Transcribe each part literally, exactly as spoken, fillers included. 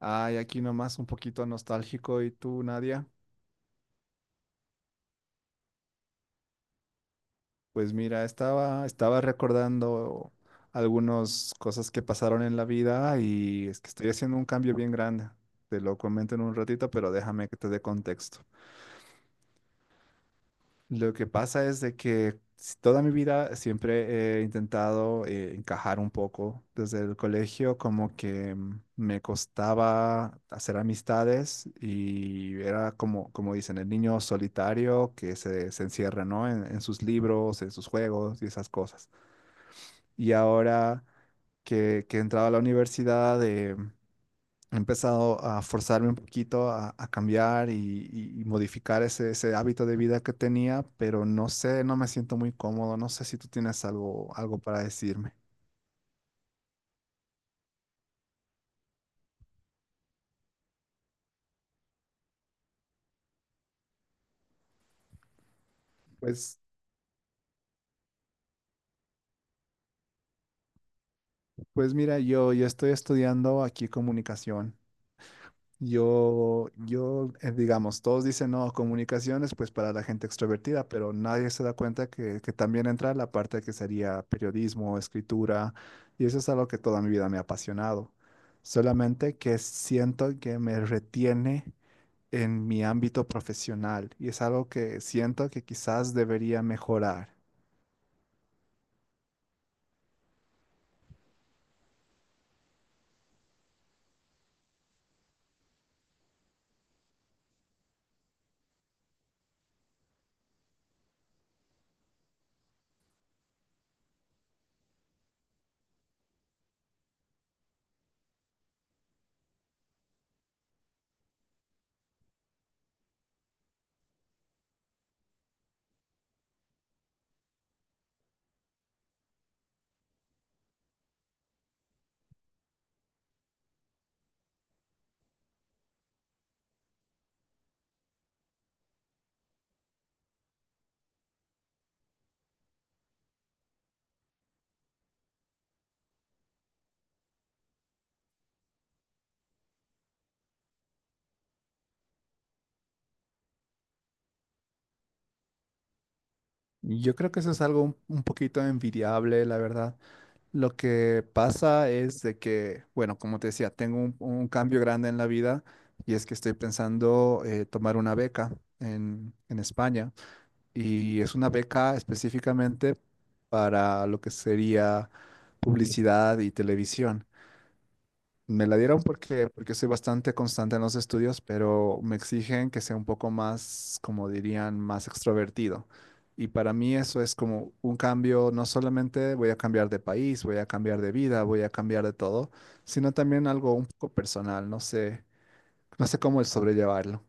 Ay, aquí nomás un poquito nostálgico. ¿Y tú, Nadia? Pues mira, estaba, estaba recordando algunas cosas que pasaron en la vida y es que estoy haciendo un cambio bien grande. Te lo comento en un ratito, pero déjame que te dé contexto. Lo que pasa es de que s- toda mi vida siempre he intentado eh, encajar un poco. Desde el colegio como que mm, me costaba hacer amistades y era como, como dicen, el niño solitario que se, se encierra, ¿no? En, en sus libros, en sus juegos y esas cosas. Y ahora que, que he entrado a la universidad, em, he empezado a forzarme un poquito a, a cambiar y, y- y modificar ese, ese hábito de vida que tenía, pero no sé, no me siento muy cómodo, no sé si tú tienes algo, algo para decirme. Pues, pues mira, yo, yo estoy estudiando aquí comunicación. Yo, yo, eh, digamos, todos dicen no, comunicaciones, pues para la gente extrovertida, pero nadie se da cuenta que, que también entra la parte que sería periodismo, escritura, y eso es algo que toda mi vida me ha apasionado. Solamente que siento que me retiene en mi ámbito profesional y es algo que siento que quizás debería mejorar. Yo creo que eso es algo un un poquito envidiable, la verdad. Lo que pasa es de que, bueno, como te decía, tengo un, un cambio grande en la vida y es que estoy pensando eh, tomar una beca en, en España y es una beca específicamente para lo que sería publicidad y televisión. Me la dieron porque, porque soy bastante constante en los estudios, pero me exigen que sea un poco más, como dirían, más extrovertido. Y para mí eso es como un cambio, no solamente voy a cambiar de país, voy a cambiar de vida, voy a cambiar de todo, sino también algo un poco personal, no sé, no sé cómo el sobrellevarlo.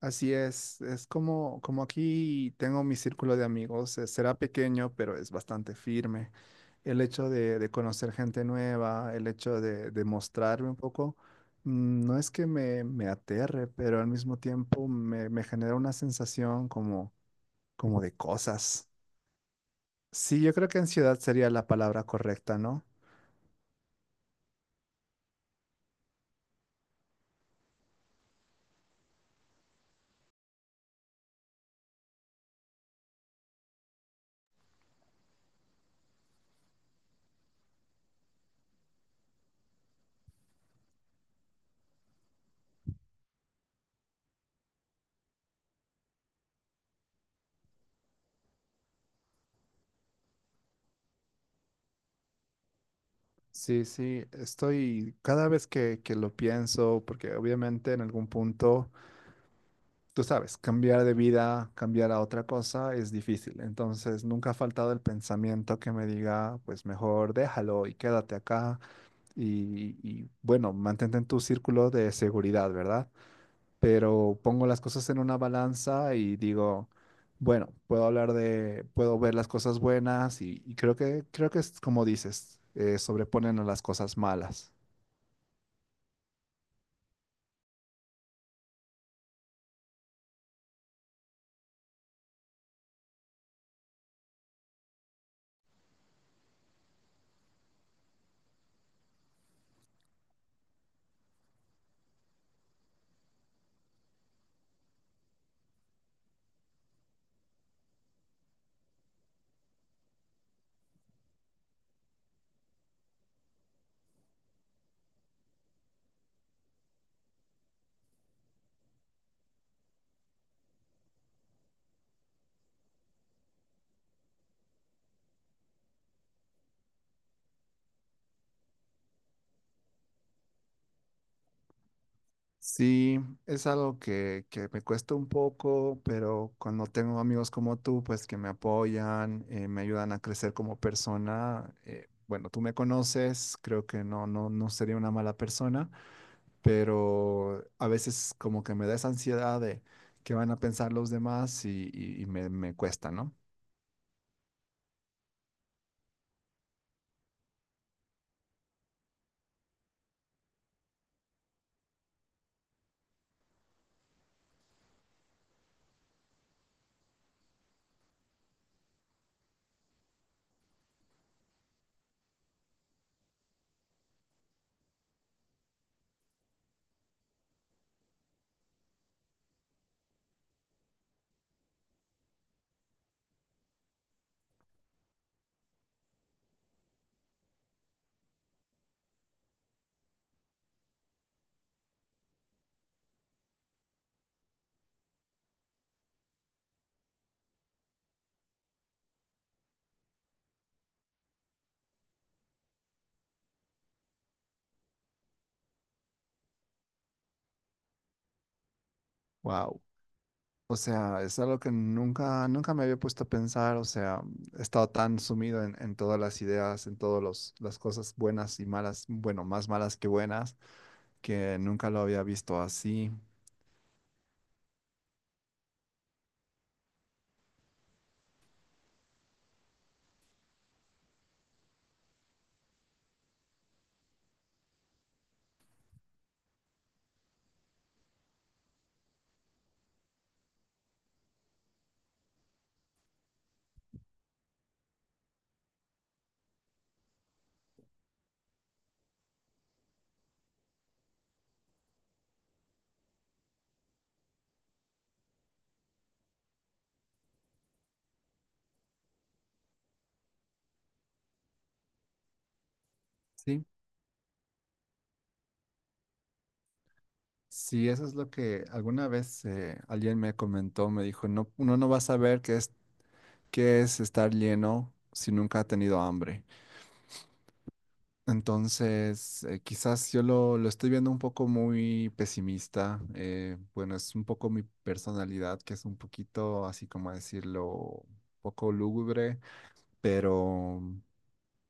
Así es, es como, como aquí tengo mi círculo de amigos, eh, será pequeño, pero es bastante firme. El hecho de, de conocer gente nueva, el hecho de, de mostrarme un poco, mm, no es que me, me aterre, pero al mismo tiempo me, me genera una sensación como, como de cosas. Sí, yo creo que ansiedad sería la palabra correcta, ¿no? Sí, sí, estoy cada vez que, que lo pienso, porque obviamente en algún punto, tú sabes, cambiar de vida, cambiar a otra cosa es difícil. Entonces, nunca ha faltado el pensamiento que me diga, pues mejor déjalo y quédate acá y, y, bueno, mantente en tu círculo de seguridad, ¿verdad? Pero pongo las cosas en una balanza y digo, bueno, puedo hablar de, puedo ver las cosas buenas y, y creo que, creo que es como dices, eh, sobreponen a las cosas malas. Sí, es algo que, que me cuesta un poco, pero cuando tengo amigos como tú, pues que me apoyan, eh, me ayudan a crecer como persona, eh, bueno, tú me conoces, creo que no, no, no sería una mala persona. Pero a veces como que me da esa ansiedad de qué van a pensar los demás y, y- y me, me cuesta, ¿no? Wow. O sea, es algo que nunca, nunca me había puesto a pensar, o sea, he estado tan sumido en, en todas las ideas, en todas los- las cosas buenas y malas, bueno, más malas que buenas, que nunca lo había visto así. Sí, sí, eso es lo que alguna vez eh, alguien me comentó, me dijo, no, uno no va a saber qué es, qué es estar lleno si nunca ha tenido hambre. Entonces, eh, quizás yo lo, lo estoy viendo un poco muy pesimista. eh, bueno, es un poco mi personalidad, que es un poquito, así como decirlo, un poco lúgubre, pero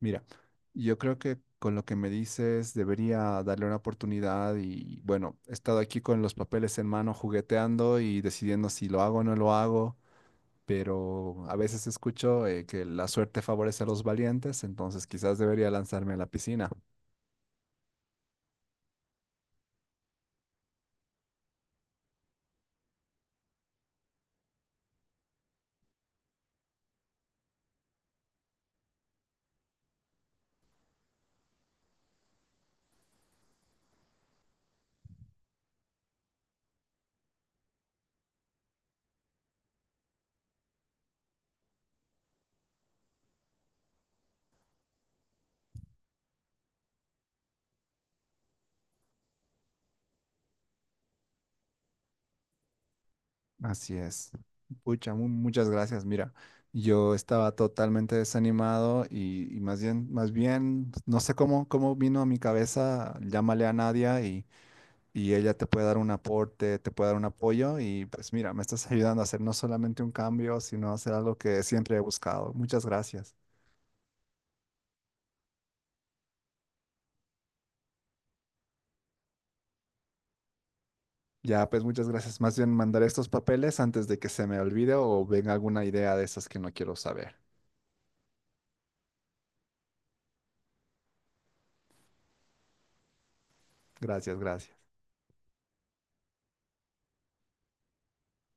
mira, yo creo que con lo que me dices debería darle una oportunidad y bueno, he estado aquí con los papeles en mano jugueteando y decidiendo si lo hago o no lo hago. Pero a veces escucho eh, que la suerte favorece a los valientes, entonces quizás debería lanzarme a la piscina. Así es. Pucha, mu- muchas gracias. Mira, yo estaba totalmente desanimado y, y más bien, más bien, no sé cómo, cómo vino a mi cabeza, llámale a Nadia y, y ella te puede dar un aporte, te puede dar un apoyo y pues mira, me estás ayudando a hacer no solamente un cambio, sino hacer algo que siempre he buscado. Muchas gracias. Ya, pues muchas gracias. Más bien mandar estos papeles antes de que se me olvide o venga alguna idea de esas que no quiero saber. Gracias, gracias.